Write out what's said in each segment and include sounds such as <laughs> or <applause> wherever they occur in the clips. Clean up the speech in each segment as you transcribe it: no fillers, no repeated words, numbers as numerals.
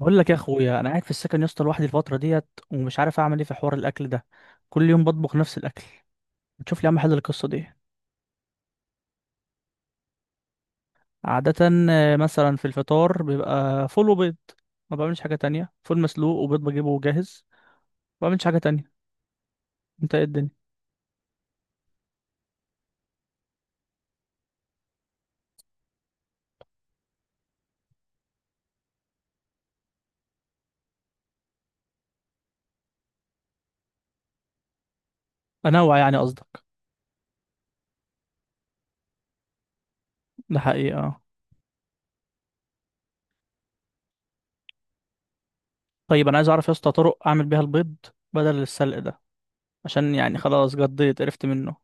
بقول لك يا اخويا، انا قاعد في السكن يا اسطى لوحدي الفتره ديت ومش عارف اعمل ايه في حوار الاكل ده. كل يوم بطبخ نفس الاكل. ما تشوف لي يا عم حل القصه دي. عاده. مثلا في الفطار بيبقى فول وبيض. ما بعملش حاجه تانية، فول مسلوق وبيض بجيبه جاهز. ما بعملش حاجه تانية. انت ايه الدنيا؟ انوع يعني قصدك؟ ده حقيقه آه. طيب، انا عايز اعرف يا اسطى طرق اعمل بيها البيض بدل السلق ده، عشان يعني خلاص قضيت عرفت منه.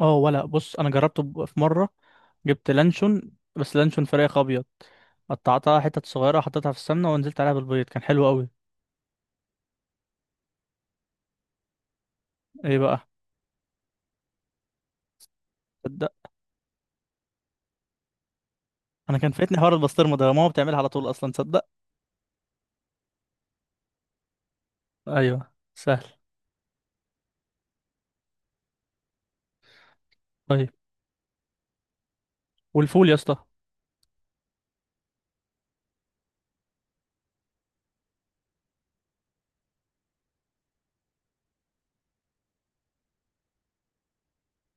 اه، ولا بص، انا جربته في مره. جبت لانشون، بس لانشون فراخ ابيض. قطعتها حتت صغيره، حطيتها في السمنه ونزلت عليها بالبيض، كان حلو قوي. ايه بقى؟ تصدق. انا كان فايتني حوار البسطرمه ده، ماما بتعملها على طول اصلا، تصدق. ايوه سهل. طيب والفول يا اسطى؟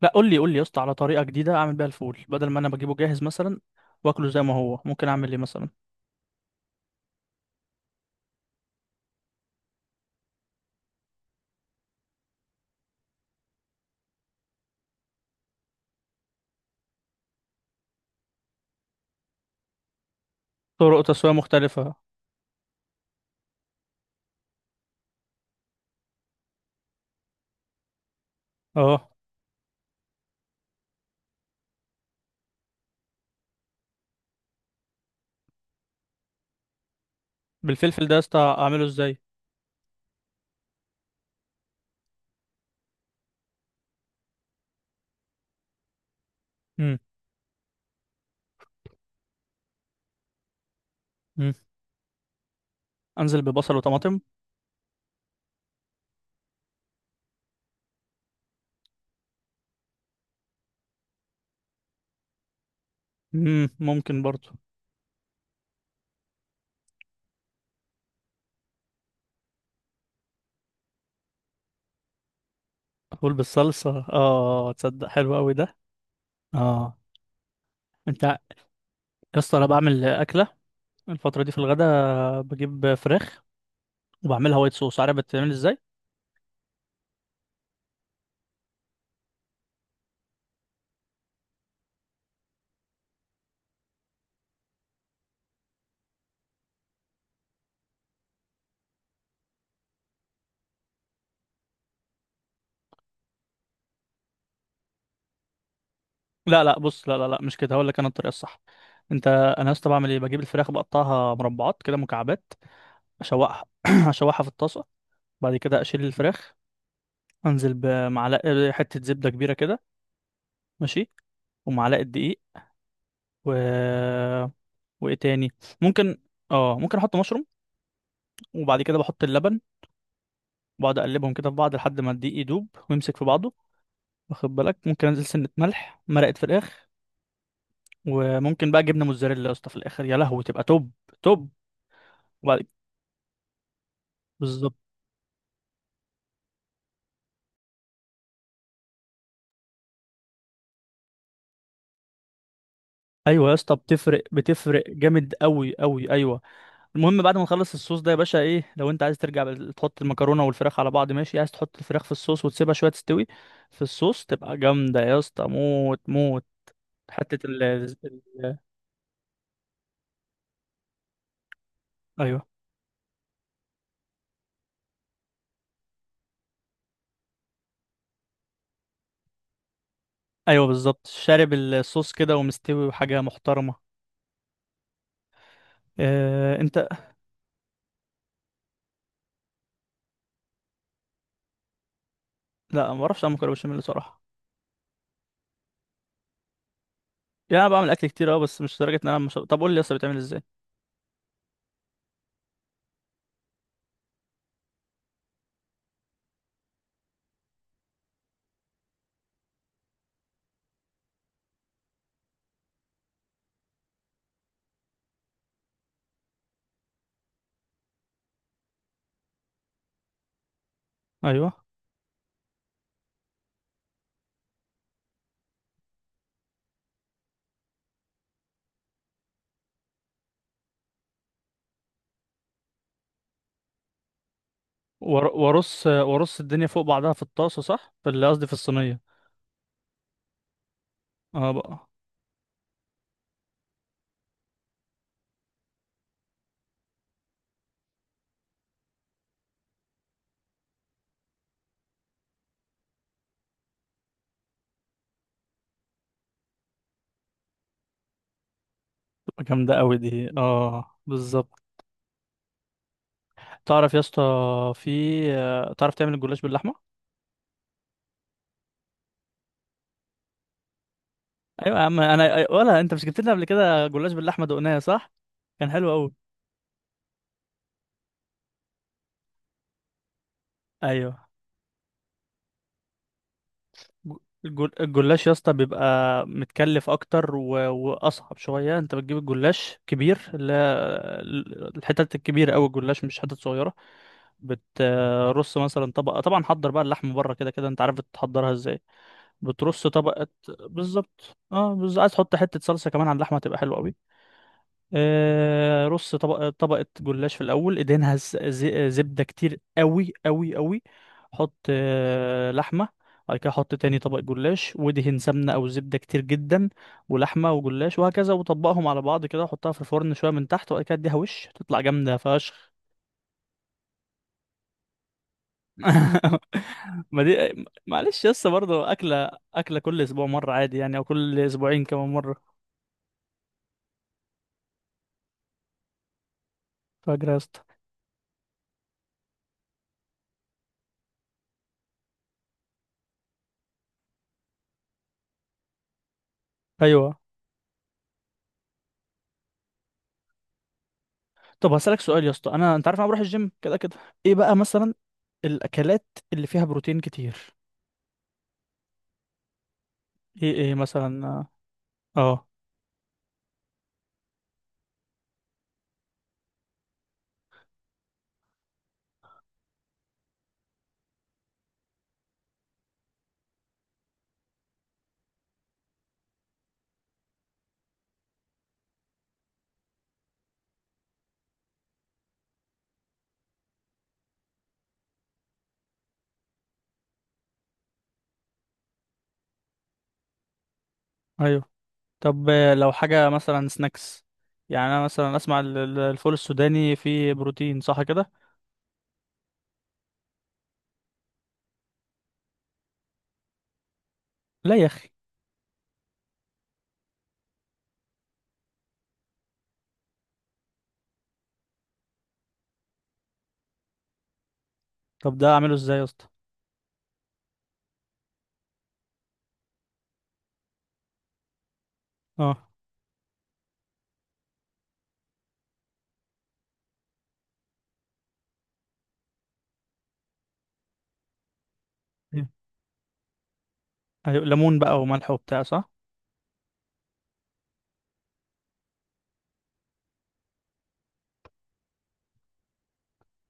لا، قول لي قول لي يا اسطى على طريقه جديده اعمل بيها الفول بدل ما انا بجيبه جاهز مثلا. واكله زي ما هو، ممكن اعمل ايه مثلا؟ طرق تسويه مختلفه. اه. بالفلفل ده يا اسطى اعمله ازاي؟ امم. انزل ببصل وطماطم. ممكن برضه. فول بالصلصة، اه تصدق حلو قوي ده. اه. انت يا اسطى، انا بعمل اكلة الفترة دي في الغداء، بجيب فراخ وبعملها وايت صوص، عارف بتتعمل ازاي؟ لا لا، بص، لا لا لا، مش كده، هقول لك انا الطريقة الصح. انت، انا يا اسطى بعمل ايه، بجيب الفراخ بقطعها مربعات كده، مكعبات. اشوحها <clears throat> اشوحها في الطاسة. بعد كده اشيل الفراخ. انزل بمعلقة حتة زبدة كبيرة كده. ماشي. ومعلقة دقيق. و وايه تاني؟ ممكن. اه ممكن احط مشروم. وبعد كده بحط اللبن. بقعد اقلبهم كده في بعض لحد ما الدقيق يدوب ويمسك في بعضه. واخد بالك، ممكن انزل سنة ملح، مرقة فراخ. وممكن بقى جبنة موتزاريلا يا اسطى في الاخر، يا لهوي، تبقى توب توب. وبعد- بالظبط. ايوه يا اسطى بتفرق، بتفرق جامد قوي قوي، ايوه. المهم بعد ما نخلص الصوص ده يا باشا، ايه لو انت عايز ترجع تحط المكرونه والفراخ على بعض، ماشي، عايز تحط الفراخ في الصوص وتسيبها شويه تستوي في الصوص، تبقى جامده يا اسطى، موت موت. حته ايوه ايوه بالظبط، شارب الصوص كده ومستوي، وحاجه محترمه. إيه انت؟ لا، ما اعرفش اعمل مكرونه بشاميل صراحه. يعني انا بعمل اكل كتير اه، بس مش لدرجه ان انا مش... طب قول لي اصلا بتعمل ازاي. ايوه. وارص الدنيا فوق بعضها في الطاسه، صح، في اللي قصدي في الصينيه. اه بقى. تبقى جامده قوي دي، اه بالظبط. تعرف يا اسطى في تعرف تعمل الجلاش باللحمه؟ ايوه يا عم، انا ولا انت مش جبت لنا قبل كده جلاش باللحمه دقناه، صح، كان حلو قوي. ايوه. الجلاش يا اسطى بيبقى متكلف اكتر و... واصعب شويه. انت بتجيب الجلاش كبير، اللي هي الحتت الكبيره، او الجلاش مش حتت صغيره. بترص مثلا طبقه، طبعا حضر بقى اللحم بره كده، كده انت عارف بتحضرها ازاي. بترص طبقه بالظبط، اه بالظبط، عايز تحط حته صلصه كمان على اللحمه تبقى حلوه قوي. رص طبقة طبقة جلاش في الأول، ادهنها زبدة كتير قوي قوي قوي. حط لحمة. بعد كده حط تاني طبق جلاش ودهن سمنة أو زبدة كتير جدا. ولحمة وجلاش وهكذا، وطبقهم على بعض كده، وحطها في الفرن شوية من تحت، وبعد كده اديها وش، تطلع جامدة فشخ. <laughs> ما دي معلش يا اسطى، برضه أكلة أكلة كل أسبوع مرة عادي يعني، أو كل أسبوعين كمان مرة. فاجرة يا اسطى. أيوه. طب هسألك سؤال يا اسطى، أنت عارف أنا بروح الجيم كده كده. ايه بقى مثلا الأكلات اللي فيها بروتين كتير؟ ايه ايه مثلا؟ اه. ايوه. طب لو حاجة مثلا سناكس، يعني انا مثلا اسمع الفول السوداني فيه بروتين صح كده؟ لا يا اخي. طب ده اعمله ازاي يا اسطى؟ اه. إيه؟ ايوه، ليمون بقى وملح وبتاع، صح.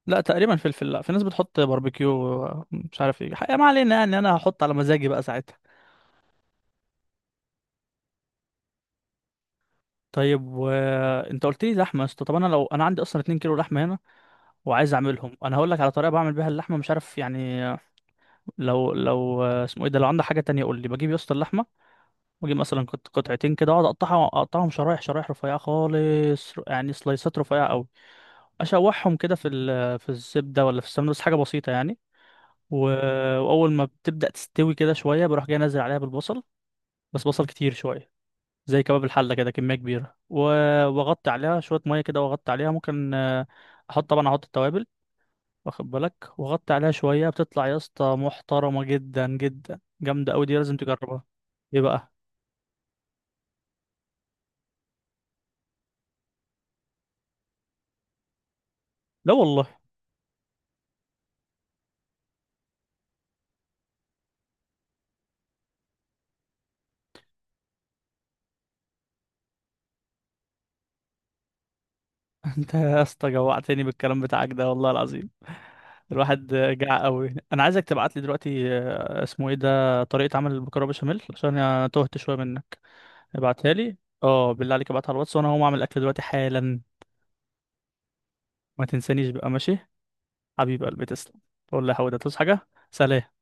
لا تقريبا فلفل، لا في ناس بتحط باربيكيو مش عارف ايه حقيقة، ما علينا يعني، انا هحط على مزاجي بقى ساعتها. طيب، وانت قلت لي لحمه يا اسطى، طب انا لو انا عندي اصلا 2 كيلو لحمه هنا وعايز اعملهم، انا هقول لك على طريقه بعمل بيها اللحمه، مش عارف يعني. لو لو اسمه ايه ده، لو عندك حاجه تانية قول لي. بجيب يا اسطى اللحمه واجيب مثلا قطعتين كده، اقعد اقطعهم شرايح شرايح رفيعه خالص، يعني سلايسات رفيعه قوي. اشوحهم كده في الزبده، ولا في السمنه، بس حاجه بسيطه يعني. و- واول ما بتبدا تستوي كده شويه، بروح جاي انزل عليها بالبصل، بس بصل كتير شويه، زي كباب الحله كده، كميه كبيره، و- واغطي عليها شويه ميه كده، واغطي عليها، ممكن احط، طبعا احط التوابل. واخد بالك وغطي عليها شوية، بتطلع يا اسطى محترمة جدا جدا، جامدة أوي دي، لازم تجربها. ايه بقى؟ لا والله. <laughs> انت يا اسطى جوعتني بالكلام بتاعك ده والله العظيم، الواحد جاع قوي. انا عايزك تبعت لي دلوقتي اسمه ايه ده، طريقة عمل المكرونة بشاميل، عشان انا تهت شوية منك. ابعتها لي. اه بالله عليك، ابعتها على الواتس، وانا هقوم اعمل اكل دلوقتي حالا. ما تنسانيش بقى، ماشي، حبيب قلبي، تسلم. قول لي يا حوده تصحى حاجة؟ سلام.